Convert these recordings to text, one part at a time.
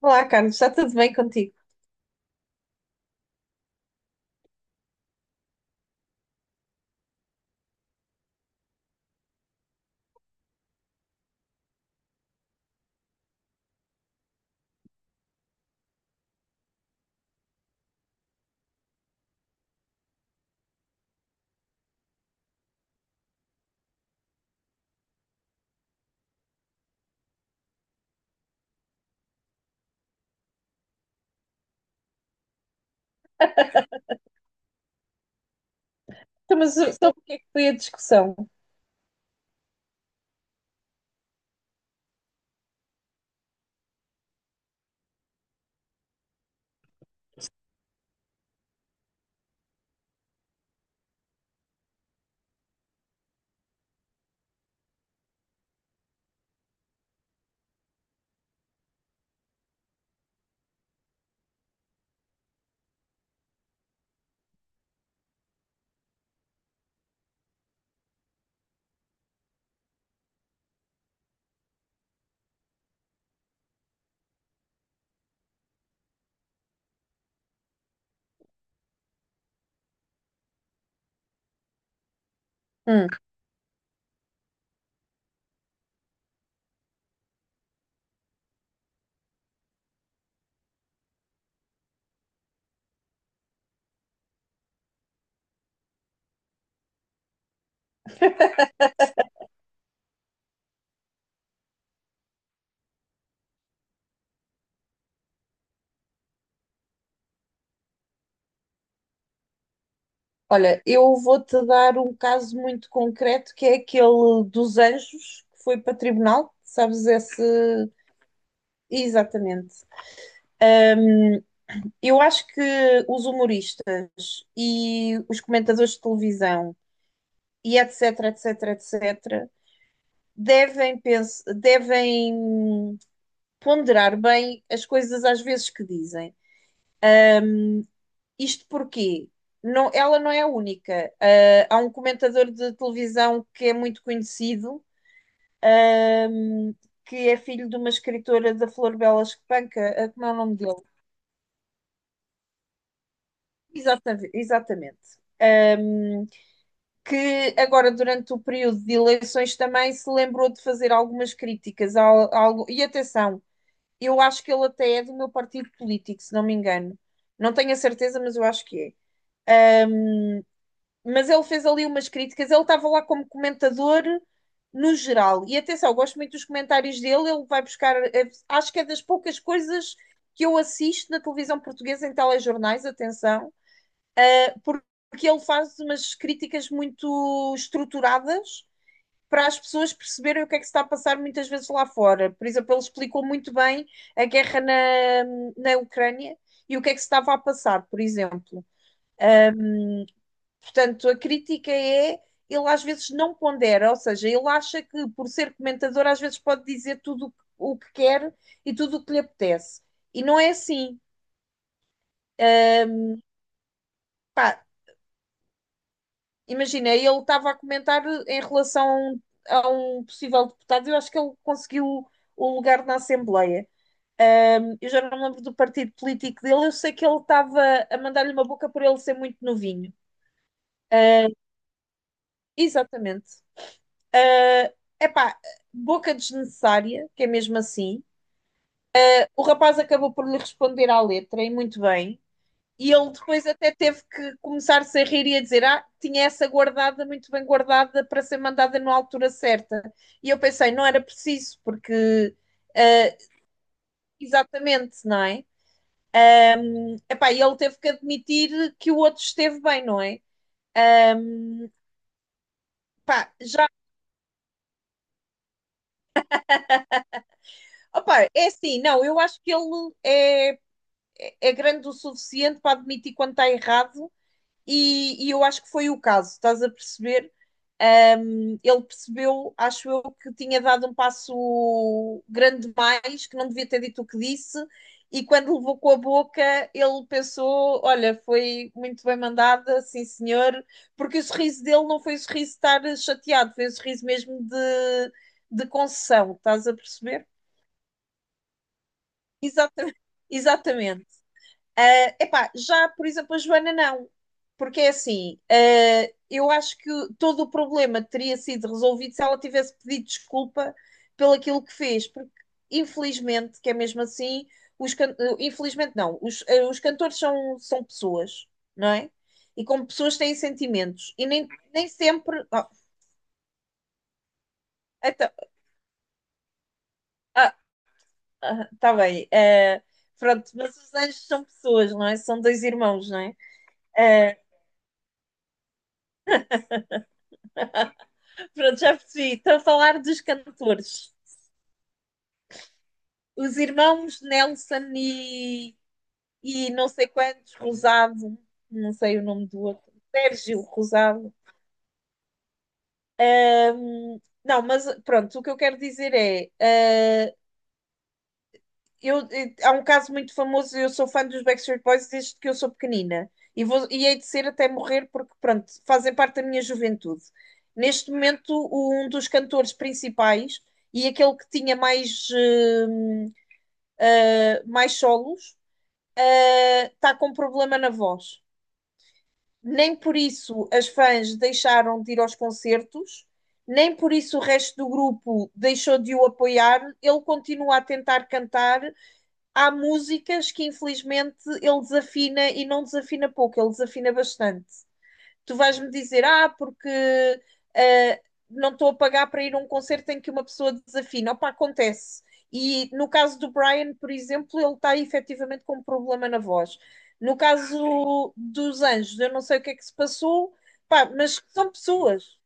Olá, Carlos, está tudo bem contigo? Mas sobre o que é que foi a discussão? Hum. Olha, eu vou-te dar um caso muito concreto que é aquele dos anjos que foi para tribunal, sabes esse? Exatamente. Eu acho que os humoristas e os comentadores de televisão e etc, etc, etc, devem ponderar bem as coisas às vezes que dizem. Isto porquê? Não, ela não é a única. Há um comentador de televisão que é muito conhecido, hum, que é filho de uma escritora da Flor Bela Espanca. Como é o nome dele? Exatamente, exatamente. Que agora, durante o período de eleições, também se lembrou de fazer algumas críticas algo. E atenção, eu acho que ele até é do meu partido político, se não me engano. Não tenho a certeza, mas eu acho que é. Mas ele fez ali umas críticas, ele estava lá como comentador no geral. E atenção, eu gosto muito dos comentários dele, ele vai buscar, é, acho que é das poucas coisas que eu assisto na televisão portuguesa em telejornais, atenção, porque ele faz umas críticas muito estruturadas para as pessoas perceberem o que é que se está a passar muitas vezes lá fora. Por exemplo, ele explicou muito bem a guerra na Ucrânia e o que é que se estava a passar, por exemplo. Portanto, a crítica é, ele às vezes não pondera, ou seja, ele acha que por ser comentador às vezes pode dizer tudo o quer e tudo o que lhe apetece. E não é assim. Ah, Pá, imagina, ele estava a comentar em relação a um possível deputado, eu acho que ele conseguiu o lugar na Assembleia. Eu já não me lembro do partido político dele, eu sei que ele estava a mandar-lhe uma boca por ele ser muito novinho. Uh, Exatamente. É, epá, boca desnecessária, que é mesmo assim. O rapaz acabou por lhe responder à letra, e muito bem. E ele depois até teve que começar-se a rir e a dizer: Ah, tinha essa guardada, muito bem guardada, para ser mandada na altura certa. E eu pensei: não era preciso, porque. ah, Exatamente, não é? Epá, e ele teve que admitir que o outro esteve bem, não é? Pá, já. Opá, é assim, não, eu acho que é é grande o suficiente para admitir quando está errado e eu acho que foi o caso, estás a perceber? Ele percebeu, acho eu, que tinha dado um passo grande demais, que não devia ter dito o que disse, e quando levou com a boca, ele pensou: olha, foi muito bem mandada, sim senhor, porque o sorriso dele não foi o sorriso de estar chateado, foi o sorriso mesmo de concessão, estás a perceber? Exatamente. Exatamente. Epá, já, por exemplo, a Joana não. Porque é assim, eu acho que todo o problema teria sido resolvido se ela tivesse pedido desculpa pelo aquilo que fez. Porque, infelizmente, que é mesmo assim, infelizmente não, os cantores são, são pessoas, não é? E como pessoas têm sentimentos. E nem sempre. Oh, então, ah, ah, tá bem. Pronto, mas os anjos são pessoas, não é? São dois irmãos, não é? Ah, pronto, já percebi. Estou a falar dos cantores. Os irmãos e não sei quantos, Rosado, não sei o nome do outro, Sérgio Rosado. Não, mas pronto, o que eu quero dizer é. Eu, há um caso muito famoso, eu sou fã dos Backstreet Boys desde que eu sou pequenina. E, vou, e hei de ser até morrer, porque, pronto, fazem parte da minha juventude. Neste momento, um dos cantores principais e aquele que tinha mais, mais solos está com problema na voz. Nem por isso as fãs deixaram de ir aos concertos, nem por isso o resto do grupo deixou de o apoiar. Ele continua a tentar cantar. Há músicas que infelizmente ele desafina, e não desafina pouco, ele desafina bastante. Tu vais-me dizer: ah, porque ah, não estou a pagar para ir a um concerto em que uma pessoa desafina. Opa, acontece. E no caso do Brian, por exemplo, ele está efetivamente com um problema na voz. No caso dos anjos, eu não sei o que é que se passou, pá, mas são pessoas.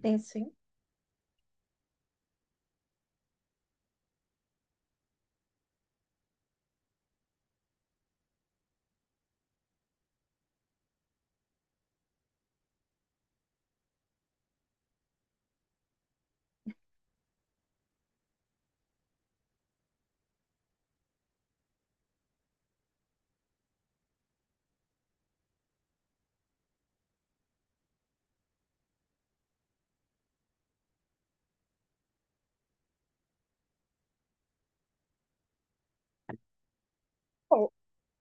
Sim, sim.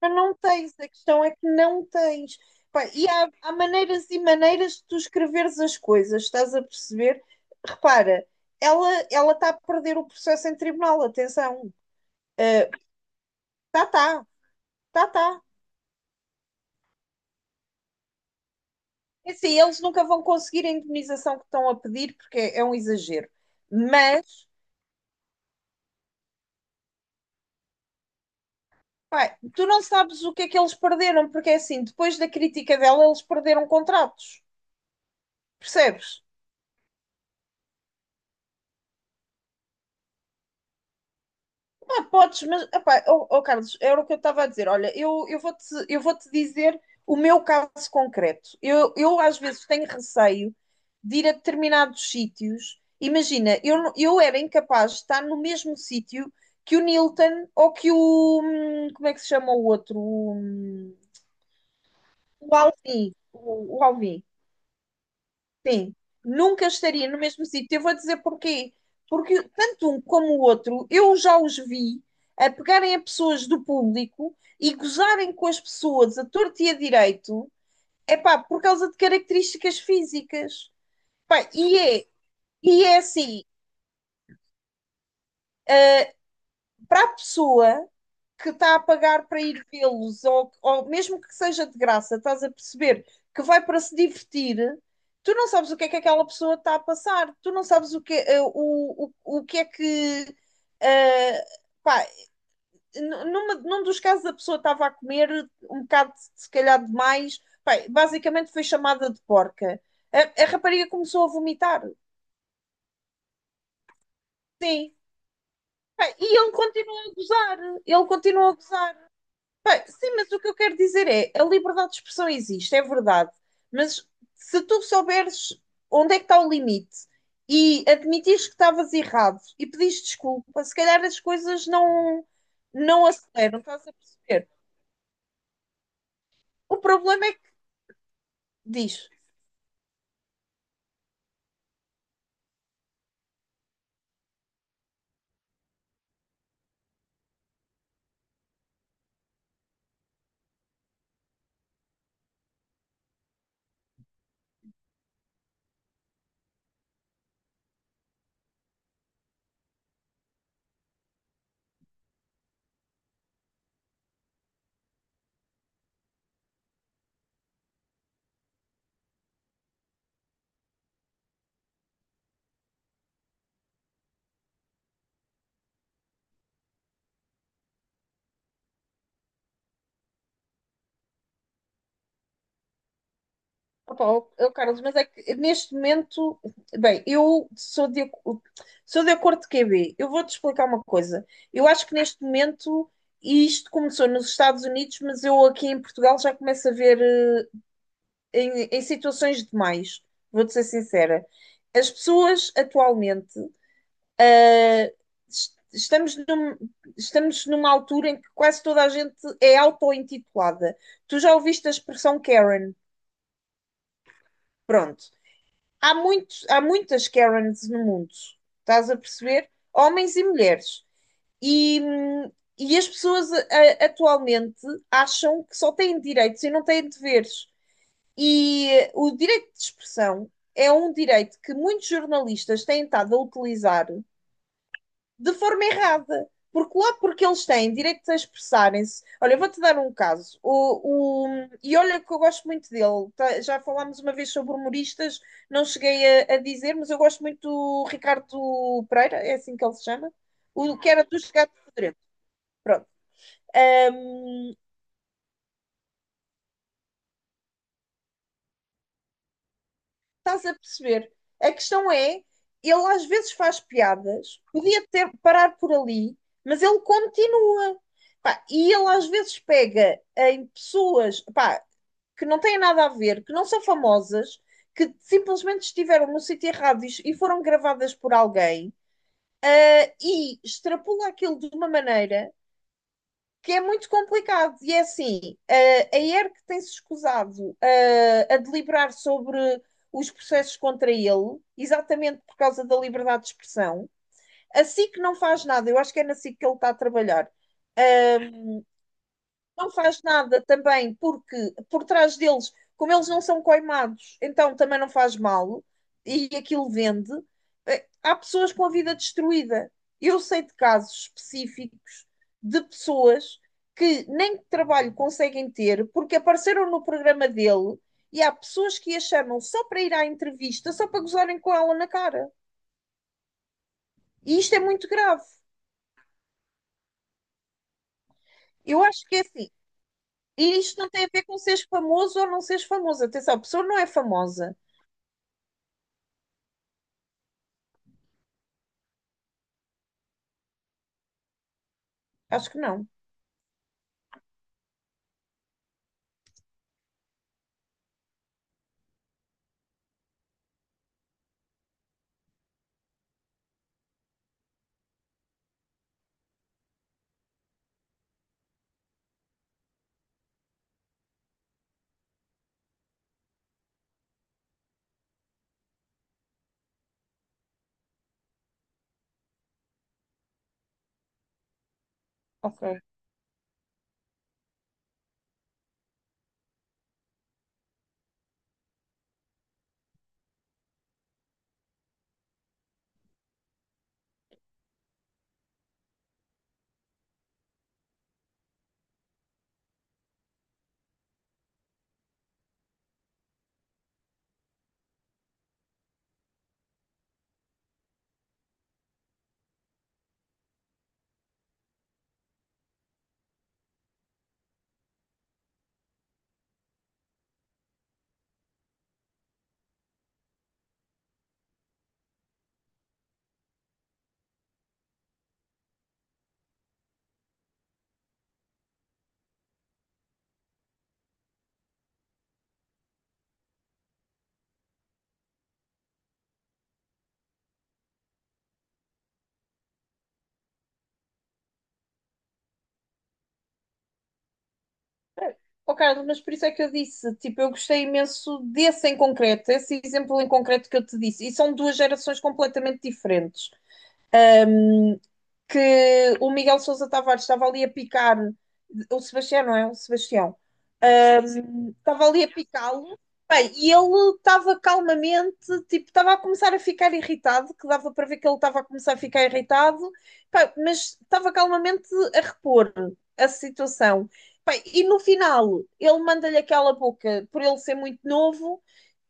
Mas não tens, a questão é que não tens. Pá, e há maneiras e maneiras de tu escreveres as coisas, estás a perceber? Repara, ela está a perder o processo em tribunal, atenção. Ah, tá, tá, tá, tá. É assim, eles nunca vão conseguir a indemnização que estão a pedir, porque é, é um exagero. Mas, pá, tu não sabes o que é que eles perderam, porque é assim, depois da crítica dela, eles perderam contratos, percebes? Ah, podes, mas, epá, oh, oh, Carlos, era o que eu estava a dizer. Olha, eu vou-te dizer o meu caso concreto. Eu às vezes tenho receio de ir a determinados sítios. Imagina, eu, não- eu era incapaz de estar no mesmo sítio que o Nilton ou que o. Como é que se chama o outro? O Alvin. O Alvin. Sim, nunca estaria no mesmo sítio. Eu vou dizer porquê. Porque tanto um como o outro, eu já os vi a pegarem a pessoas do público e gozarem com as pessoas a torto e a direito, epá, por causa de características físicas. Pá, e é assim, para a pessoa que está a pagar para ir vê-los, ou mesmo que seja de graça, estás a perceber, que vai para se divertir, tu não sabes o que é que aquela pessoa está a passar, tu não sabes o que é, eh, o que, é que eh, pá, numa- num dos casos a pessoa estava a comer um bocado, se calhar, demais, pá, basicamente foi chamada de porca. A rapariga começou a vomitar, sim. Pá, e ele continua a gozar, ele continua a gozar. Pá, sim, mas o que eu quero dizer é, a liberdade de expressão existe, é verdade, mas se tu souberes onde é que está o limite e admitires que estavas errado e pedires desculpa, se calhar as coisas não aceleram, estás a perceber? O problema é que diz. Opa, ó, ó, Carlos, mas é que neste momento, bem, eu sou de, ac- sou de acordo com o QB. Eu vou-te explicar uma coisa. Eu acho que neste momento, e isto começou nos Estados Unidos, mas eu aqui em Portugal já começo a ver em situações demais. Vou-te ser sincera. As pessoas atualmente, eh, estamos estamos numa altura em que quase toda a gente é auto-intitulada. Tu já ouviste a expressão Karen? Pronto. Há muitas Karens no mundo, estás a perceber? Homens e mulheres. E, hum, e as pessoas atualmente acham que só têm direitos e não têm deveres. E, eh, o direito de expressão é um direito que muitos jornalistas têm estado a utilizar de forma errada. Porque lá porque eles têm direito a expressarem-se. Olha, eu vou-te dar um caso. E olha que eu gosto muito dele. Já falámos uma vez sobre humoristas, não cheguei a dizer, mas eu gosto muito do Ricardo Pereira, é assim que ele se chama. O que era dos Gatos Fedorentos. Pronto. Ahm, Estás a perceber? A questão é, ele às vezes faz piadas, podia ter parar por ali, mas ele continua. Pá, e ele às vezes pega em pessoas, pá, que não têm nada a ver, que não são famosas, que simplesmente estiveram no sítio errado e foram gravadas por alguém, e extrapola aquilo de uma maneira que é muito complicado. E é assim, a ERC tem-se escusado a deliberar sobre os processos contra ele, exatamente por causa da liberdade de expressão. A SIC não faz nada, eu acho que é na SIC que ele está a trabalhar. Ah, não faz nada também, porque por trás deles, como eles não são coimados, então também não faz mal e aquilo vende. Há pessoas com a vida destruída. Eu sei de casos específicos de pessoas que nem trabalho conseguem ter porque apareceram no programa dele, e há pessoas que a chamam só para ir à entrevista, só para gozarem com ela na cara. E isto é muito grave. Eu acho que é assim. E isto não tem a ver com seres famoso ou não seres famoso. Atenção, a pessoa não é famosa. Acho que não. Ok. Oh, Carlos, mas por isso é que eu disse, tipo, eu gostei imenso desse em concreto, esse exemplo em concreto que eu te disse. E são duas gerações completamente diferentes. Que o Miguel Sousa Tavares estava ali a picar, o Sebastião, não é? O Sebastião. Sim, estava ali a picá-lo. Bem, e ele estava calmamente, tipo, estava a começar a ficar irritado, que dava para ver que ele estava a começar a ficar irritado. Pá, mas estava calmamente a repor a situação. Bem, e no final, ele manda-lhe aquela boca por ele ser muito novo,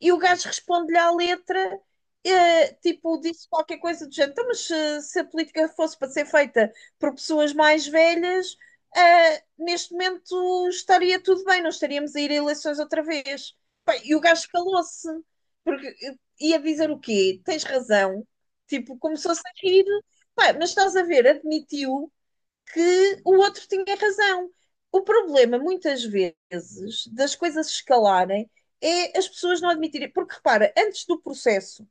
e o gajo responde-lhe à letra, tipo, disse qualquer coisa do género. Então, mas se a política fosse para ser feita por pessoas mais velhas, neste momento estaria tudo bem, não estaríamos a ir a eleições outra vez. Pá, e o gajo calou-se, porque ia dizer o quê? Tens razão. Tipo, começou-se a rir. Pá, mas estás a ver, admitiu que o outro tinha razão. O problema, muitas vezes, das coisas escalarem é as pessoas não admitirem. Porque repara, antes do processo,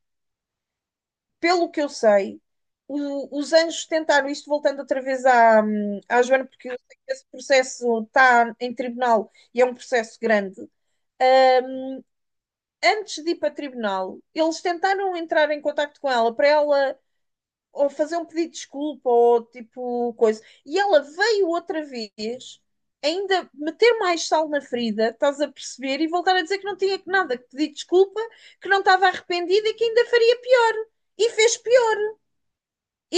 pelo que eu sei, os anjos tentaram, isto voltando outra vez à Joana, porque eu sei que esse processo está em tribunal e é um processo grande. Antes de ir para tribunal, eles tentaram entrar em contacto com ela para ela ou fazer um pedido de desculpa ou tipo coisa. E ela veio outra vez ainda meter mais sal na ferida, estás a perceber, e voltar a dizer que não tinha que nada, que pedir desculpa, que não estava arrependida e que ainda faria pior. E fez pior.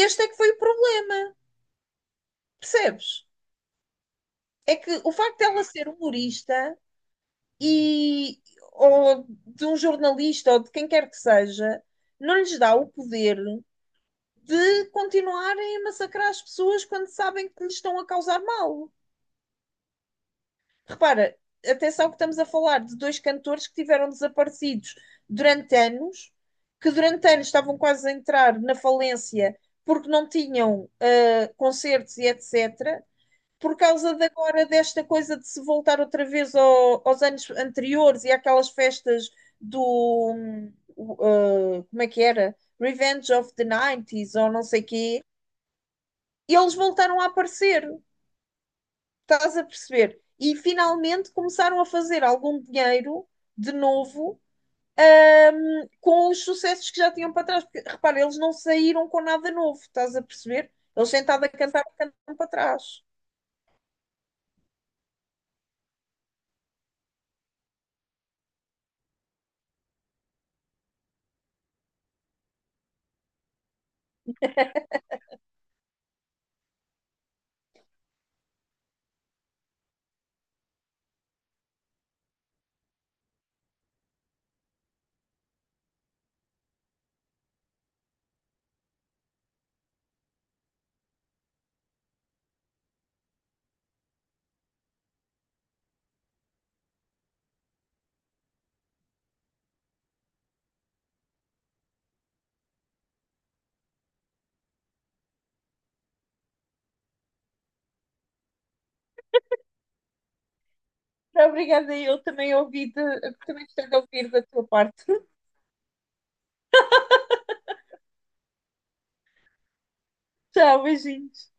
Este é que foi o problema. Percebes? É que o facto dela ser humorista e ou de um jornalista ou de quem quer que seja, não lhes dá o poder de continuarem a massacrar as pessoas quando sabem que lhes estão a causar mal. Repara, atenção que estamos a falar de dois cantores que tiveram desaparecidos durante anos, que durante anos estavam quase a entrar na falência porque não tinham concertos e etc. Por causa de agora desta coisa de se voltar outra vez aos anos anteriores e àquelas festas do como é que era? Revenge of the 90s ou não sei quê, e eles voltaram a aparecer, estás a perceber? E finalmente começaram a fazer algum dinheiro de novo, com os sucessos que já tinham para trás, porque repara, eles não saíram com nada novo, estás a perceber? Eles sentados a cantar, cantam para trás. Obrigada, eu também ouvi, de, também gostei de ouvir da tua parte. Tchau, beijinhos.